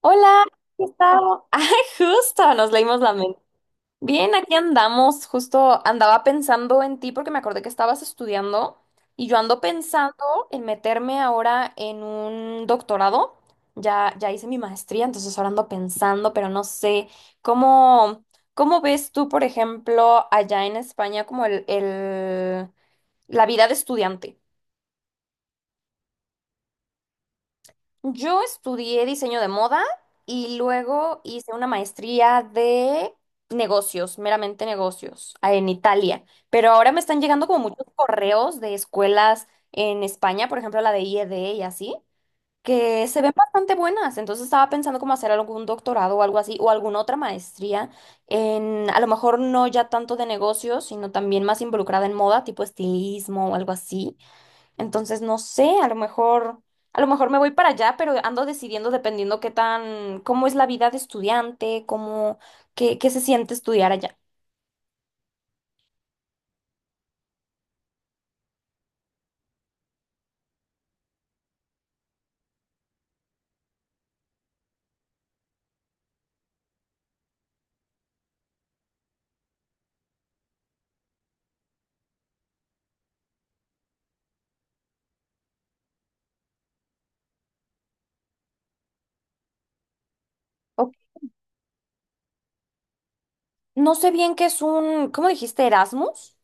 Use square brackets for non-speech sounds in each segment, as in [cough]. Hola, ¿cómo estás? [laughs] Ay, justo, nos leímos la mente. Bien, aquí andamos. Justo andaba pensando en ti porque me acordé que estabas estudiando y yo ando pensando en meterme ahora en un doctorado. Ya, ya hice mi maestría, entonces ahora ando pensando, pero no sé cómo, cómo ves tú, por ejemplo, allá en España como la vida de estudiante. Yo estudié diseño de moda y luego hice una maestría de negocios, meramente negocios, en Italia. Pero ahora me están llegando como muchos correos de escuelas en España, por ejemplo, la de IED y así, que se ven bastante buenas. Entonces estaba pensando como hacer algún doctorado o algo así, o alguna otra maestría en, a lo mejor no ya tanto de negocios, sino también más involucrada en moda, tipo estilismo o algo así. Entonces, no sé, a lo mejor me voy para allá, pero ando decidiendo dependiendo qué tan, cómo es la vida de estudiante, cómo, qué se siente estudiar allá. O- no sé bien qué es un, ¿cómo dijiste? Erasmus.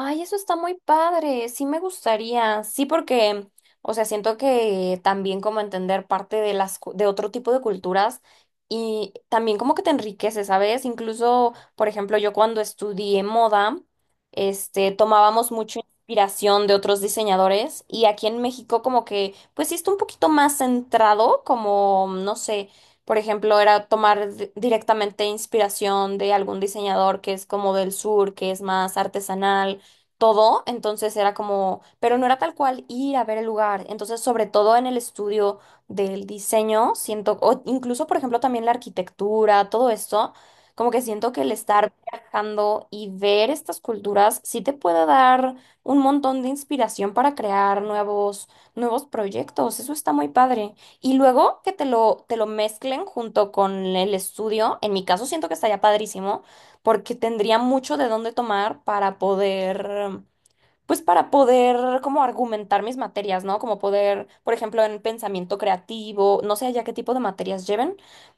Ay, eso está muy padre, sí me gustaría, sí porque, o sea, siento que también como entender parte de de otro tipo de culturas y también como que te enriquece, ¿sabes? Incluso, por ejemplo, yo cuando estudié moda, este, tomábamos mucha inspiración de otros diseñadores y aquí en México como que, pues sí está un poquito más centrado, como, no sé, por ejemplo, era tomar directamente inspiración de algún diseñador que es como del sur, que es más artesanal todo, entonces era como, pero no era tal cual ir a ver el lugar, entonces sobre todo en el estudio del diseño, siento, o incluso por ejemplo también la arquitectura, todo esto, como que siento que el estar viajando y ver estas culturas sí te puede dar un montón de inspiración para crear nuevos, nuevos proyectos, eso está muy padre. Y luego que te lo mezclen junto con el estudio, en mi caso siento que estaría padrísimo porque tendría mucho de dónde tomar para poder pues para poder como argumentar mis materias, ¿no? Como poder, por ejemplo, en pensamiento creativo, no sé allá qué tipo de materias lleven,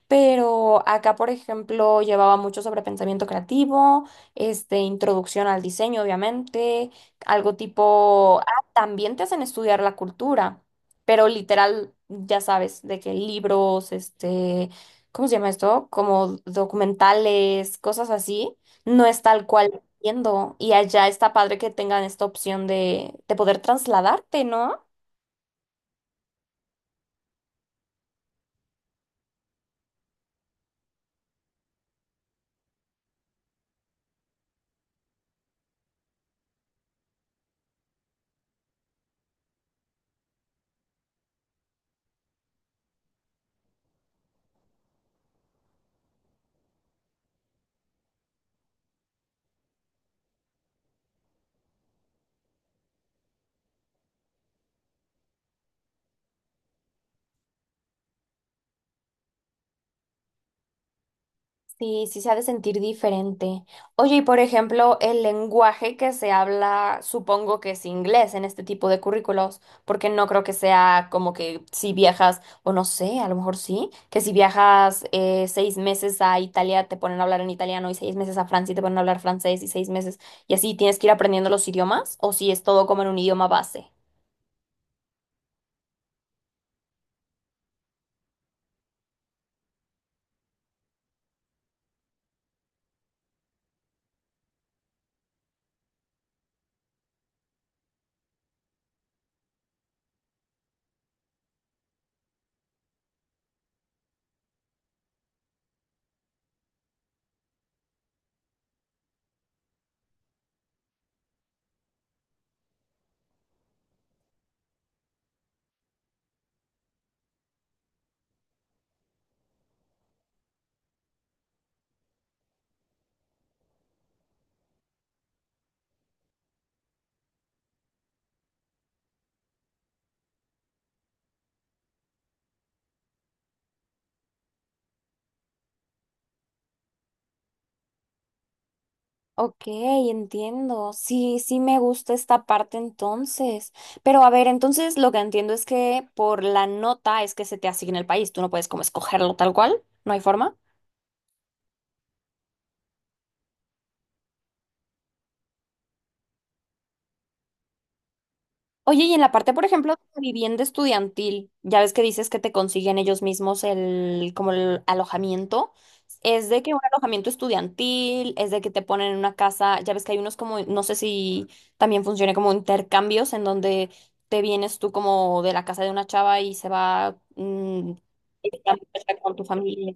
pero acá, por ejemplo, llevaba mucho sobre pensamiento creativo, este, introducción al diseño, obviamente, algo tipo, ah, también te hacen estudiar la cultura, pero literal, ya sabes, de que libros, este, ¿cómo se llama esto? Como documentales, cosas así. No es tal cual. Entiendo. Y allá está padre que tengan esta opción de poder trasladarte, ¿no? Sí, sí se ha de sentir diferente. Oye, y por ejemplo, el lenguaje que se habla, supongo que es inglés en este tipo de currículos, porque no creo que sea como que si viajas, o no sé, a lo mejor sí, que si viajas seis meses a Italia te ponen a hablar en italiano y seis meses a Francia te ponen a hablar francés y seis meses y así tienes que ir aprendiendo los idiomas, o si es todo como en un idioma base. Ok, entiendo. Sí, sí me gusta esta parte entonces. Pero a ver, entonces lo que entiendo es que por la nota es que se te asigna el país. Tú no puedes como escogerlo tal cual. ¿No hay forma? Oye, y en la parte, por ejemplo, de la vivienda estudiantil, ya ves que dices que te consiguen ellos mismos el, como el alojamiento. Es de que un alojamiento estudiantil, es de que te ponen en una casa, ya ves que hay unos como, no sé si también funciona como intercambios en donde te vienes tú como de la casa de una chava y se va esta muchacha con tu familia.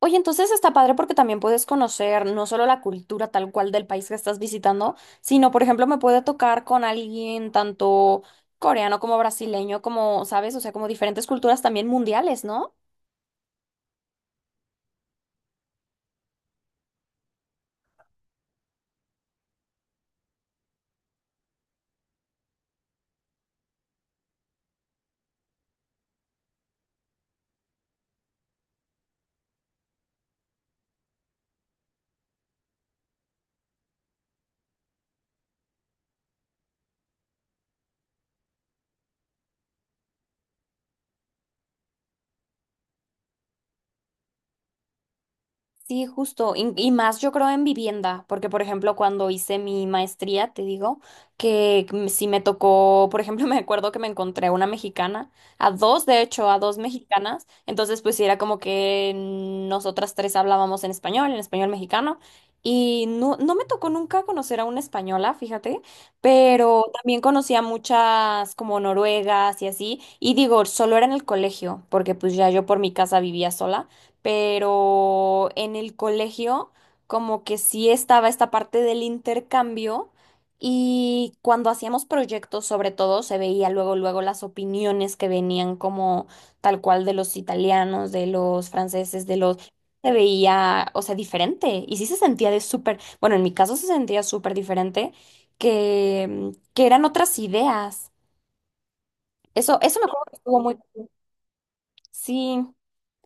Oye, entonces está padre porque también puedes conocer no solo la cultura tal cual del país que estás visitando, sino, por ejemplo, me puede tocar con alguien tanto coreano como brasileño, como, ¿sabes? O sea, como diferentes culturas también mundiales, ¿no? Sí, justo, y más yo creo en vivienda, porque por ejemplo cuando hice mi maestría, te digo, que si me tocó, por ejemplo, [laughs] me acuerdo que me encontré una mexicana, a dos, de hecho, a dos mexicanas, entonces pues sí era como que nosotras tres hablábamos en español mexicano, y no, no me tocó nunca conocer a una española, fíjate, pero también conocí a muchas como noruegas y así, y digo, solo era en el colegio, porque pues ya yo por mi casa vivía sola pero en el colegio como que sí estaba esta parte del intercambio y cuando hacíamos proyectos sobre todo se veía luego luego las opiniones que venían como tal cual de los italianos, de los franceses, de los se veía, o sea, diferente y sí se sentía de súper, bueno, en mi caso se sentía súper diferente que eran otras ideas. Eso me acuerdo que estuvo muy sí.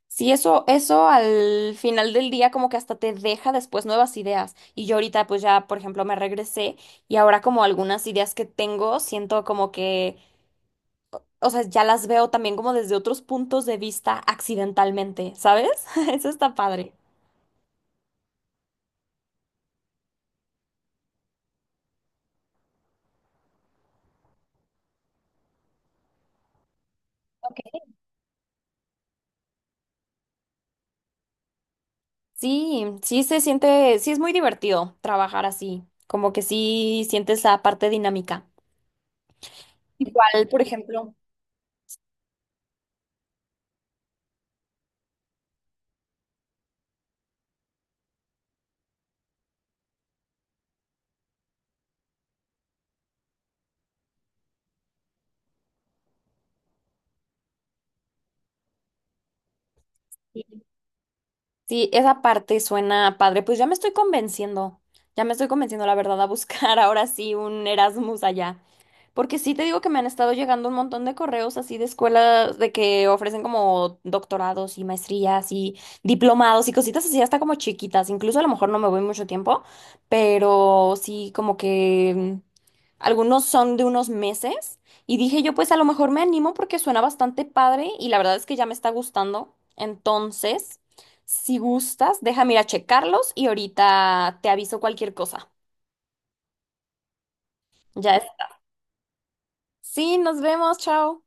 Sí, eso al final del día como que hasta te deja después nuevas ideas. Y yo ahorita pues ya, por ejemplo, me regresé y ahora como algunas ideas que tengo, siento como que, o sea, ya las veo también como desde otros puntos de vista accidentalmente, ¿sabes? [laughs] Eso está padre. Ok. Sí, sí se siente, sí es muy divertido trabajar así, como que sí sientes la parte dinámica. Igual, por ejemplo. Sí, esa parte suena padre. Pues ya me estoy convenciendo, ya me estoy convenciendo, la verdad, a buscar [laughs] ahora sí un Erasmus allá. Porque sí te digo que me han estado llegando un montón de correos así de escuelas de que ofrecen como doctorados y maestrías y diplomados y cositas así, hasta como chiquitas. Incluso a lo mejor no me voy mucho tiempo, pero sí como que algunos son de unos meses y dije yo, pues a lo mejor me animo porque suena bastante padre y la verdad es que ya me está gustando. Entonces, si gustas, déjame ir a checarlos y ahorita te aviso cualquier cosa. Ya es. Sí, nos vemos, chao.